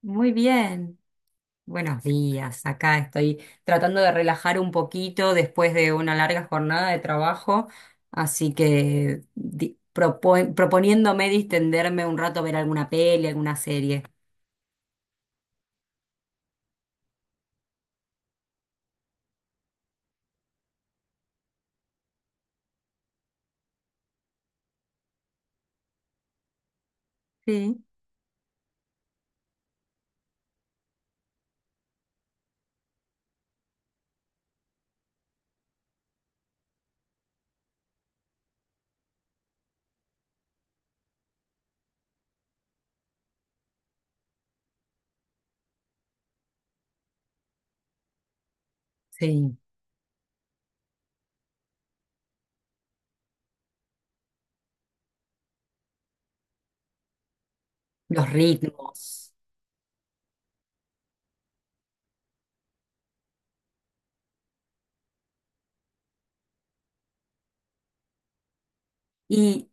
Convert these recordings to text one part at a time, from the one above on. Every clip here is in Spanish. Muy bien, buenos días. Acá estoy tratando de relajar un poquito después de una larga jornada de trabajo, así que proponiéndome distenderme un rato a ver alguna peli, alguna serie. Sí. Sí, los ritmos. Y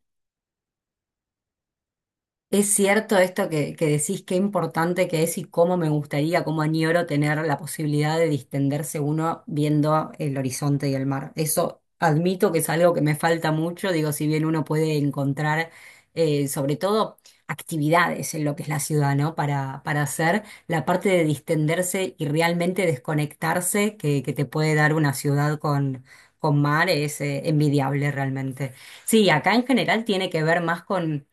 Es cierto esto que decís, qué importante que es y cómo me gustaría, cómo añoro tener la posibilidad de distenderse uno viendo el horizonte y el mar. Eso admito que es algo que me falta mucho, digo, si bien uno puede encontrar sobre todo actividades en lo que es la ciudad, ¿no? Para hacer la parte de distenderse y realmente desconectarse que te puede dar una ciudad con mar es envidiable realmente. Sí, acá en general tiene que ver más con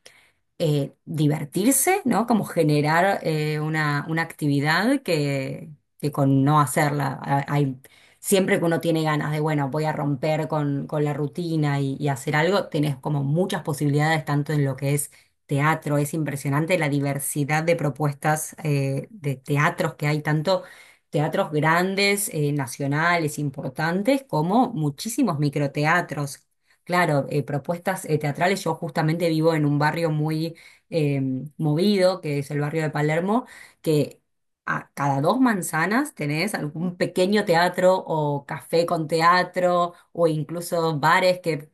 divertirse, ¿no? Como generar una actividad que con no hacerla. Hay, siempre que uno tiene ganas de, bueno, voy a romper con la rutina y hacer algo, tenés como muchas posibilidades, tanto en lo que es teatro, es impresionante la diversidad de propuestas de teatros que hay, tanto teatros grandes, nacionales, importantes, como muchísimos microteatros. Claro, propuestas teatrales. Yo justamente vivo en un barrio muy eh, movido, que es el barrio de Palermo, que a cada dos manzanas tenés algún pequeño teatro o café con teatro o incluso bares que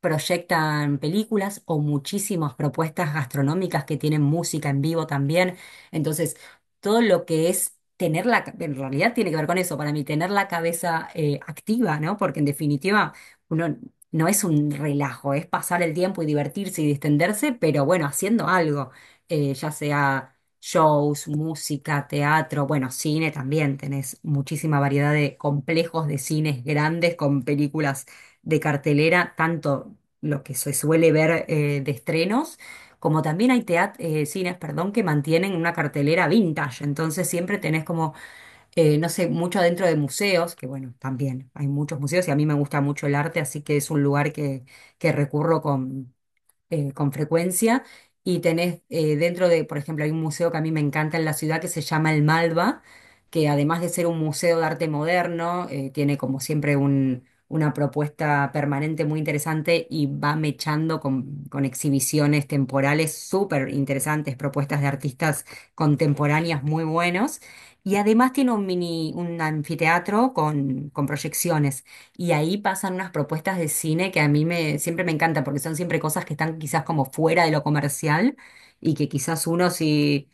proyectan películas o muchísimas propuestas gastronómicas que tienen música en vivo también. Entonces, todo lo que es. Tener en realidad tiene que ver con eso, para mí, tener la cabeza activa, ¿no? Porque en definitiva, uno no es un relajo, es pasar el tiempo y divertirse y distenderse, pero bueno, haciendo algo, ya sea shows, música, teatro, bueno, cine también, tenés muchísima variedad de complejos de cines grandes con películas de cartelera, tanto lo que se suele ver de estrenos. Como también hay cines, perdón, que mantienen una cartelera vintage, entonces siempre tenés como no sé, mucho adentro de museos, que bueno, también hay muchos museos y a mí me gusta mucho el arte, así que es un lugar que recurro con frecuencia y tenés dentro de, por ejemplo, hay un museo que a mí me encanta en la ciudad que se llama el Malva, que además de ser un museo de arte moderno, tiene como siempre una propuesta permanente muy interesante y va mechando con exhibiciones temporales súper interesantes, propuestas de artistas contemporáneas muy buenos. Y además tiene un mini, un anfiteatro con proyecciones. Y ahí pasan unas propuestas de cine que a siempre me encanta, porque son siempre cosas que están quizás como fuera de lo comercial y que quizás uno si,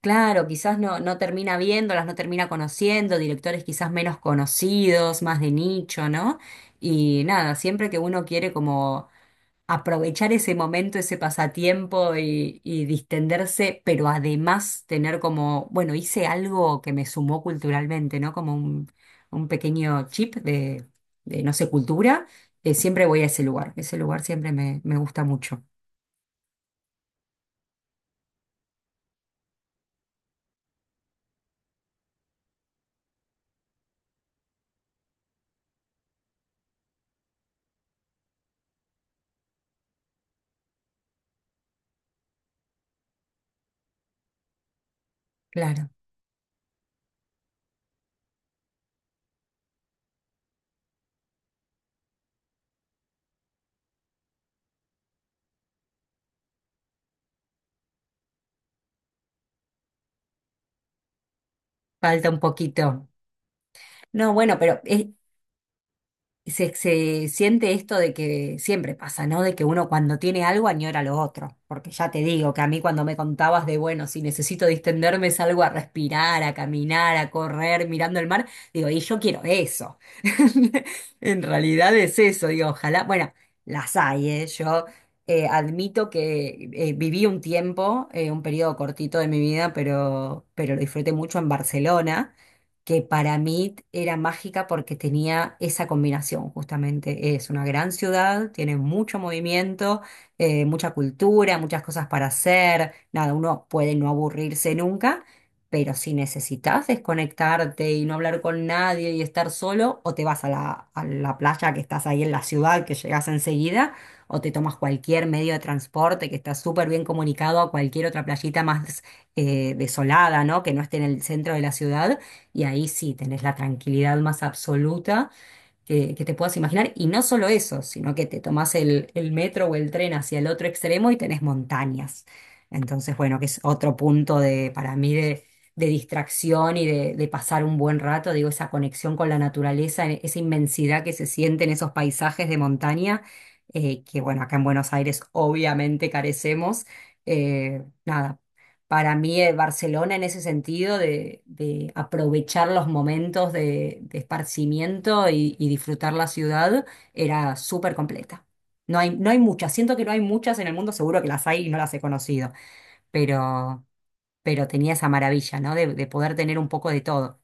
claro, quizás no termina viéndolas, no termina conociendo, directores quizás menos conocidos, más de nicho, ¿no? Y nada, siempre que uno quiere como aprovechar ese momento, ese pasatiempo y distenderse, pero además tener como, bueno, hice algo que me sumó culturalmente, ¿no? Como un pequeño chip no sé, cultura, siempre voy a ese lugar siempre me gusta mucho, claro, falta un poquito. No, bueno, pero es, se siente esto de que siempre pasa, ¿no? De que uno cuando tiene algo añora lo otro. Porque ya te digo que a mí cuando me contabas de, bueno, si necesito distenderme, salgo a respirar, a caminar, a correr, mirando el mar, digo, y yo quiero eso. En realidad es eso, digo, ojalá, bueno, las hay, ¿eh? Yo admito que viví un tiempo, un periodo cortito de mi vida, pero lo disfruté mucho en Barcelona que para mí era mágica porque tenía esa combinación, justamente. Es una gran ciudad, tiene mucho movimiento, mucha cultura, muchas cosas para hacer. Nada, uno puede no aburrirse nunca, pero si necesitas desconectarte y no hablar con nadie y estar solo, o te vas a a la playa que estás ahí en la ciudad, que llegas enseguida, o te tomas cualquier medio de transporte que está súper bien comunicado a cualquier otra playita más desolada, ¿no? Que no esté en el centro de la ciudad y ahí sí tenés la tranquilidad más absoluta que te puedas imaginar. Y no solo eso, sino que te tomás el metro o el tren hacia el otro extremo y tenés montañas. Entonces, bueno, que es otro punto de, para mí de distracción y de pasar un buen rato. Digo, esa conexión con la naturaleza, esa inmensidad que se siente en esos paisajes de montaña, que bueno, acá en Buenos Aires obviamente carecemos. Nada, para mí, Barcelona en ese sentido de aprovechar los momentos de esparcimiento y disfrutar la ciudad era súper completa. No hay, no hay muchas, siento que no hay muchas en el mundo, seguro que las hay y no las he conocido, pero, pero tenía esa maravilla, ¿no? De poder tener un poco de todo.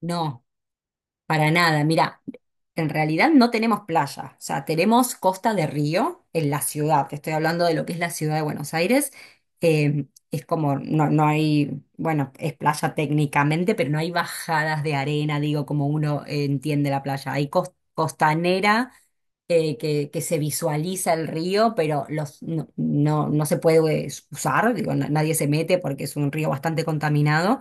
No, para nada. Mira. En realidad no tenemos playa, o sea, tenemos costa de río en la ciudad. Te estoy hablando de lo que es la ciudad de Buenos Aires. Es como, no, no hay, bueno, es playa técnicamente, pero no hay bajadas de arena, digo, como uno entiende la playa. Hay costanera que se visualiza el río, pero los, no se puede usar, digo, nadie se mete porque es un río bastante contaminado.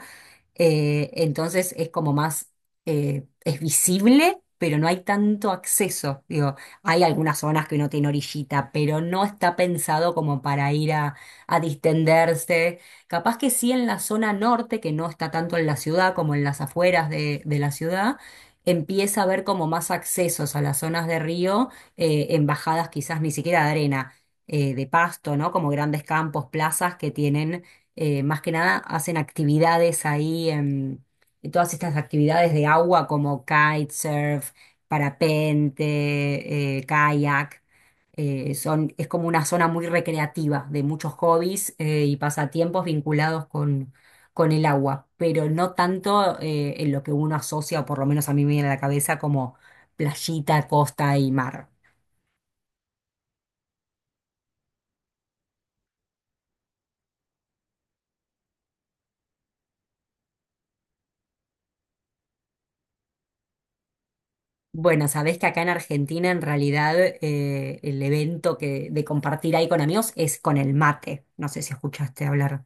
Entonces es como más, es visible, pero no hay tanto acceso. Digo, hay algunas zonas que no tiene orillita, pero no está pensado como para ir a distenderse. Capaz que sí en la zona norte, que no está tanto en la ciudad como en las afueras de la ciudad, empieza a haber como más accesos a las zonas de río, en bajadas quizás ni siquiera de arena. De pasto, ¿no? Como grandes campos, plazas que tienen más que nada hacen actividades ahí, en todas estas actividades de agua como kitesurf, parapente, kayak. Son, es como una zona muy recreativa de muchos hobbies y pasatiempos vinculados con el agua, pero no tanto en lo que uno asocia, o por lo menos a mí me viene a la cabeza, como playita, costa y mar. Bueno, sabés que acá en Argentina en realidad el evento que, de compartir ahí con amigos es con el mate. No sé si escuchaste hablar.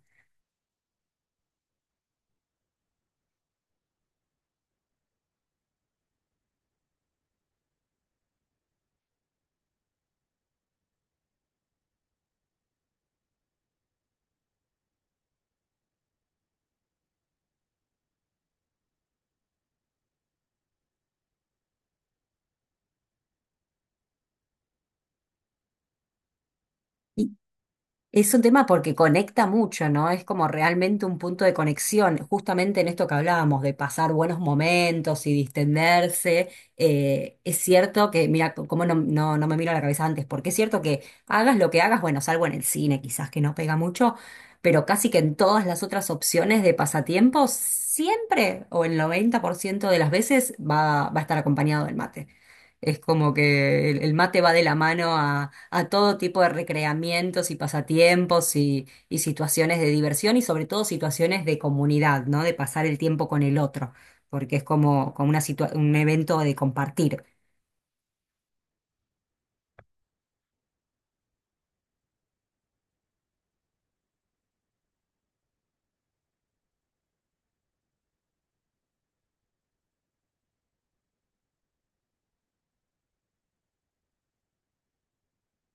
Es un tema porque conecta mucho, ¿no? Es como realmente un punto de conexión, justamente en esto que hablábamos de pasar buenos momentos y distenderse. Es cierto que, mira, como no, no me miro a la cabeza antes, porque es cierto que hagas lo que hagas, bueno, salvo en el cine quizás que no pega mucho, pero casi que en todas las otras opciones de pasatiempos, siempre o el 90% de las veces va a estar acompañado del mate. Es como que el mate va de la mano a todo tipo de recreamientos y pasatiempos y situaciones de diversión y sobre todo situaciones de comunidad, ¿no? De pasar el tiempo con el otro, porque es como, como una un evento de compartir.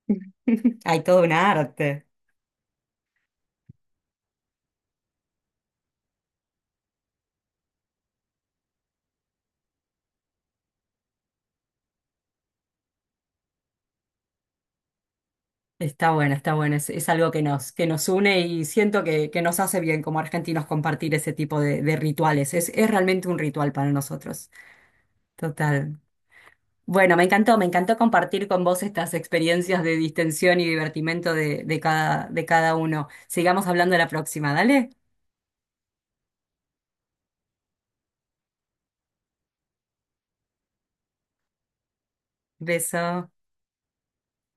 Hay todo un arte. Está bueno, está bueno. Es algo que que nos une y siento que nos hace bien como argentinos compartir ese tipo de rituales. Es realmente un ritual para nosotros. Total. Bueno, me encantó compartir con vos estas experiencias de distensión y divertimento de cada uno. Sigamos hablando la próxima, dale. Beso.